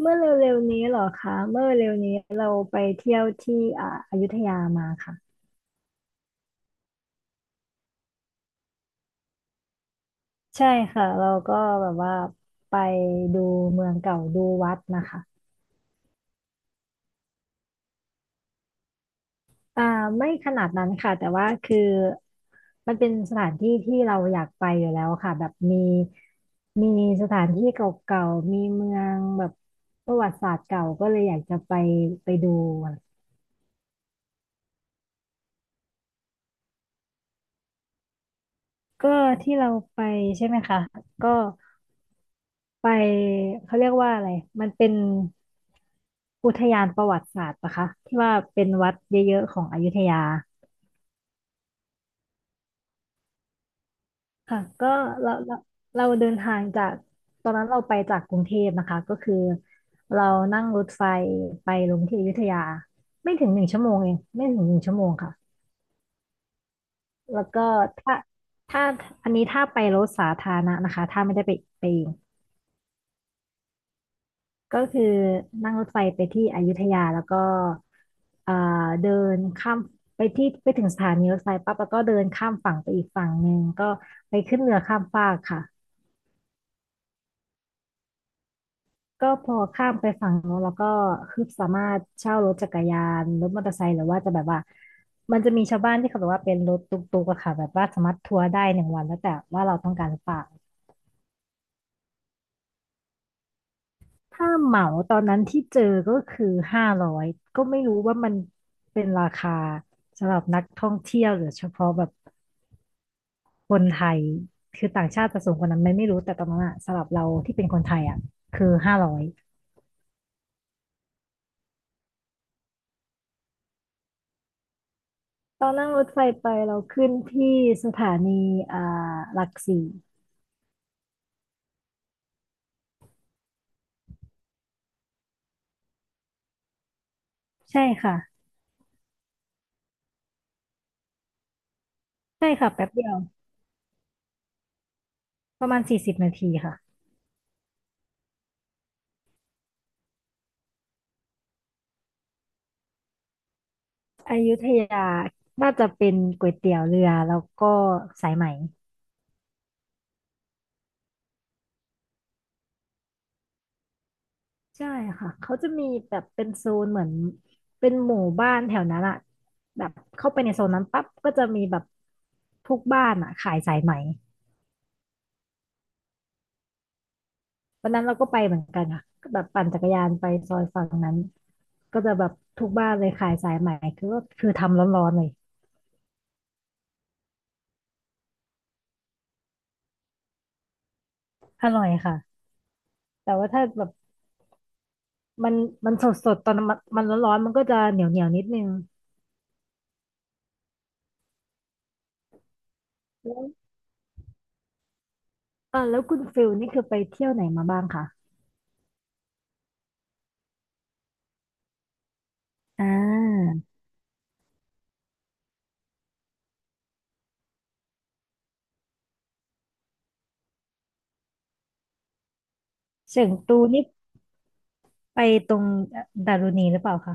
เมื่อเร็วๆนี้เหรอคะเมื่อเร็วๆนี้เราไปเที่ยวที่อยุธยามาค่ะใช่ค่ะเราก็แบบว่าไปดูเมืองเก่าดูวัดนะคะอ่าไม่ขนาดนั้นค่ะแต่ว่าคือมันเป็นสถานที่ที่เราอยากไปอยู่แล้วค่ะแบบมีสถานที่เก่าๆมีเมืองแบบประวัติศาสตร์เก่าก็เลยอยากจะไปดูก็ที่เราไปใช่ไหมคะก็ ไปเขาเรียกว่าอะไร มันเป็นอุทยานประวัติศาสตร์ปะคะที่ว่าเป็นวัดเยอะๆของอยุธยาค่ะก็เราเราเราเดินทางจากตอนนั้นเราไปจากกรุงเทพนะคะก็คือเรานั่งรถไฟไปลงที่อยุธยาไม่ถึงหนึ่งชั่วโมงเองไม่ถึงหนึ่งชั่วโมงค่ะแล้วก็ถ้าถ้าอันนี้ถ้าไปรถสาธารณะนะคะถ้าไม่ได้ไปเอง ก็คือนั่งรถไฟไปที่อยุธยาแล้วก็เอ่อเดินข้ามไปที่ไปถึงสถานีรถไฟปั๊บแล้วก็เดินข้ามฝั่งไปอีกฝั่งหนึ่งก็ไปขึ้นเรือข้ามฟากค่ะก็พอข้ามไปฝั่งโน้นแล้วก็คือสามารถเช่ารถจักรยานรถมอเตอร์ไซค์หรือว่าจะแบบว่ามันจะมีชาวบ้านที่เขาแบบว่าเป็นรถตุ๊กๆอะค่ะแบบว่าสามารถทัวร์ได้หนึ่งวันแล้วแต่ว่าเราต้องการหรือเปล่า ถ้าเหมาตอนนั้นที่เจอก็คือห้าร้อยก็ไม่รู้ว่ามันเป็นราคาสำหรับนักท่องเที่ยวหรือเฉพาะแบบคนไทยคือต่างชาติจะสูงกว่านั้นไหมไม่รู้แต่ตอนนั้นอะสำหรับเราที่เป็นคนไทยอะคือห้าร้อยตอนนั่งรถไฟไปเราขึ้นที่สถานีอ่าหลักสี่ใช่ค่ะใช่ค่ะแป๊บเดียวประมาณ40นาทีค่ะอยุธยาน่าจะเป็นก๋วยเตี๋ยวเรือแล้วก็สายไหม ใช่ค่ะเขาจะมีแบบเป็นโซนเหมือนเป็นหมู่บ้านแถวนั้นอะแบบเข้าไปในโซนนั้นปั๊บก็จะมีแบบทุกบ้านอะขายสายไหมวันนั้นเราก็ไปเหมือนกันค่ะก็แบบปั่นจักรยานไปซอยฝั่งนั้นก็จะแบบทุกบ้านเลยขายสายไหมคือก็คือทำร้อนๆเลยอร่อยค่ะแต่ว่าถ้าแบบมันสดๆตอนมันร้อนๆมันก็จะเหนียวเหนียวนิดนึงแล้วแล้วคุณฟิลนี่คือไปเที่ยวไหนมาบ้างคะอ่าเฉิงตูนี่ ไปตรงดารุณีหรือเปล่าคะ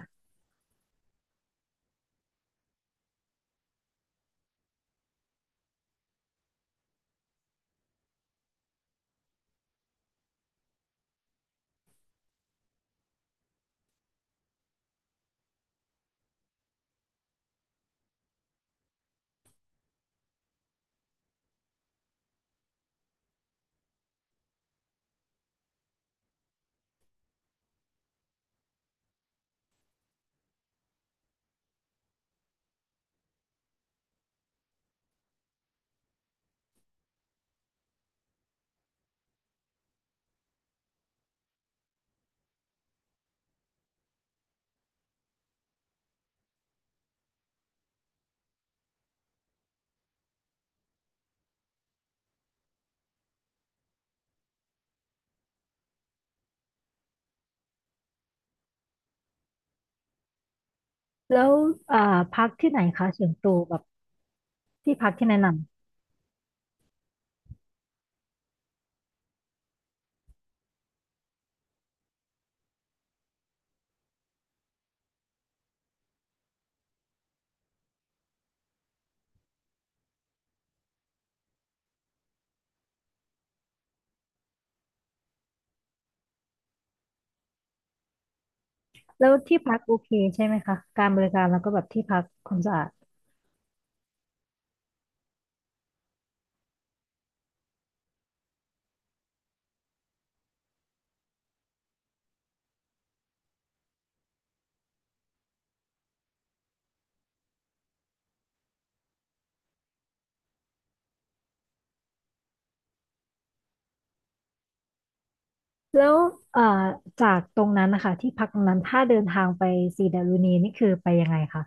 แล้วอ่าพักที่ไหนคะส่วนตัวแบบที่พักที่แนะนำแล้วที่พักโอเคใช่ไหมคะการบริการแล้วก็แบบที่พักความสะอาดแล้วอ่าจากตรงนั้นนะคะที่พักตรงนั้นถ้าเดินทางไปสีดารุณีนี่คือไปยังไงคะ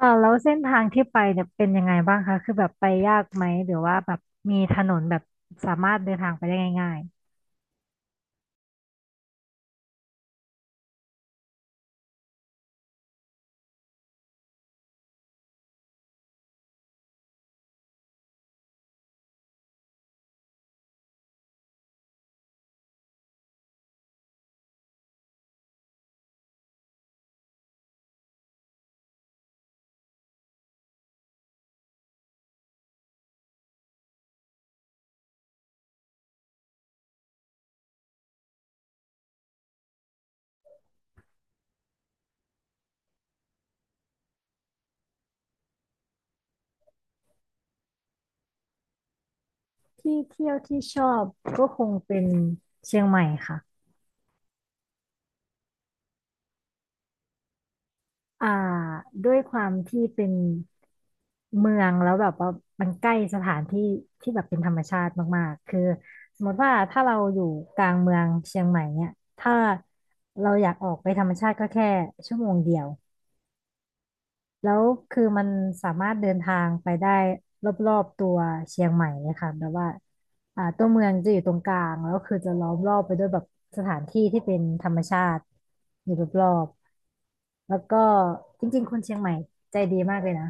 แล้วเส้นทางที่ไปเนี่ยเป็นยังไงบ้างคะคือแบบไปยากไหมหรือว่าแบบมีถนนแบบสามารถเดินทางไปได้ง่ายๆที่เที่ยวที่ชอบก็คงเป็นเชียงใหม่ค่ะอ่าด้วยความที่เป็น เมืองแล้วแบบว่ามันใกล้สถานที่ที่แบบเป็นธรรมชาติมากๆคือสมมติว่าถ้าเราอยู่กลางเมืองเชียงใหม่เนี่ยถ้าเราอยากออกไปธรรมชาติก็แค่ชั่วโมงเดียว แล้วคือมันสามารถเดินทางไปได้รอบๆตัวเชียงใหม่เลยค่ะแบบว่าตัวเมืองจะอยู่ตรงกลางแล้วคือจะล้อมรอบไปด้วยแบบสถานที่ที่เป็นธรรมชาติอยู่รอบๆแล้วก็จริงๆคนเชียงใหม่ใจดีมากเลยนะ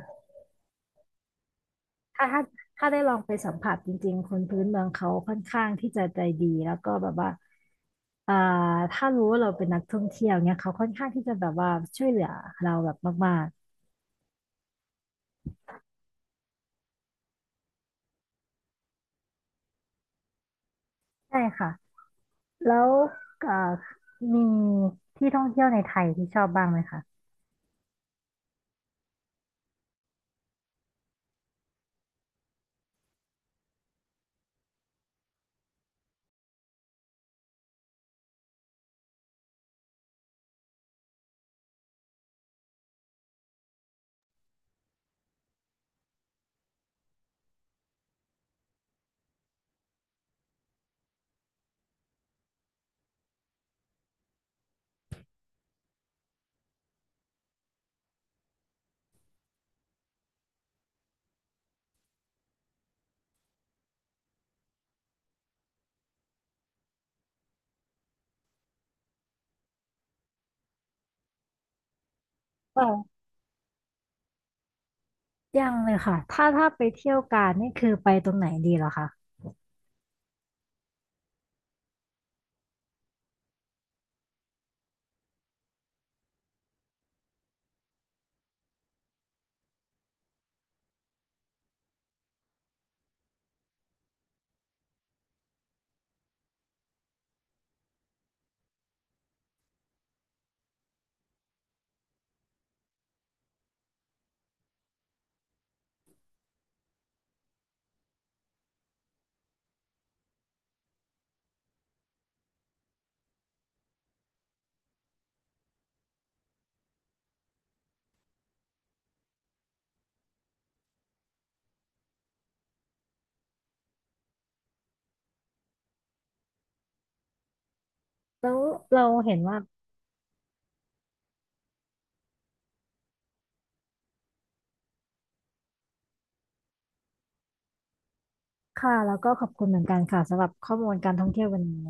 ถ้าถ้าถ้าได้ลองไปสัมผัสจริงๆคนพื้นเมืองเขาค่อนข้างที่จะใจดีแล้วก็แบบว่าอ่าถ้ารู้ว่าเราเป็นนักท่องเที่ยวเนี่ยเขาค่อนข้างที่จะแบบว่าช่วยเหลือเราแบบมากๆใช่ค่ะแล้วเอ่อมีที่ท่องเที่ยวในไทยที่ชอบบ้างไหมคะเออยังเลยค่ะถ้าไปเที่ยวกาญนี่คือไปตรงไหนดีเหรอคะแล้วเราเห็นว่าค่ะแล้วก็ขอบคุณเหมือนกันค่ะสำหรับข้อมูลการท่องเที่ยววันนี้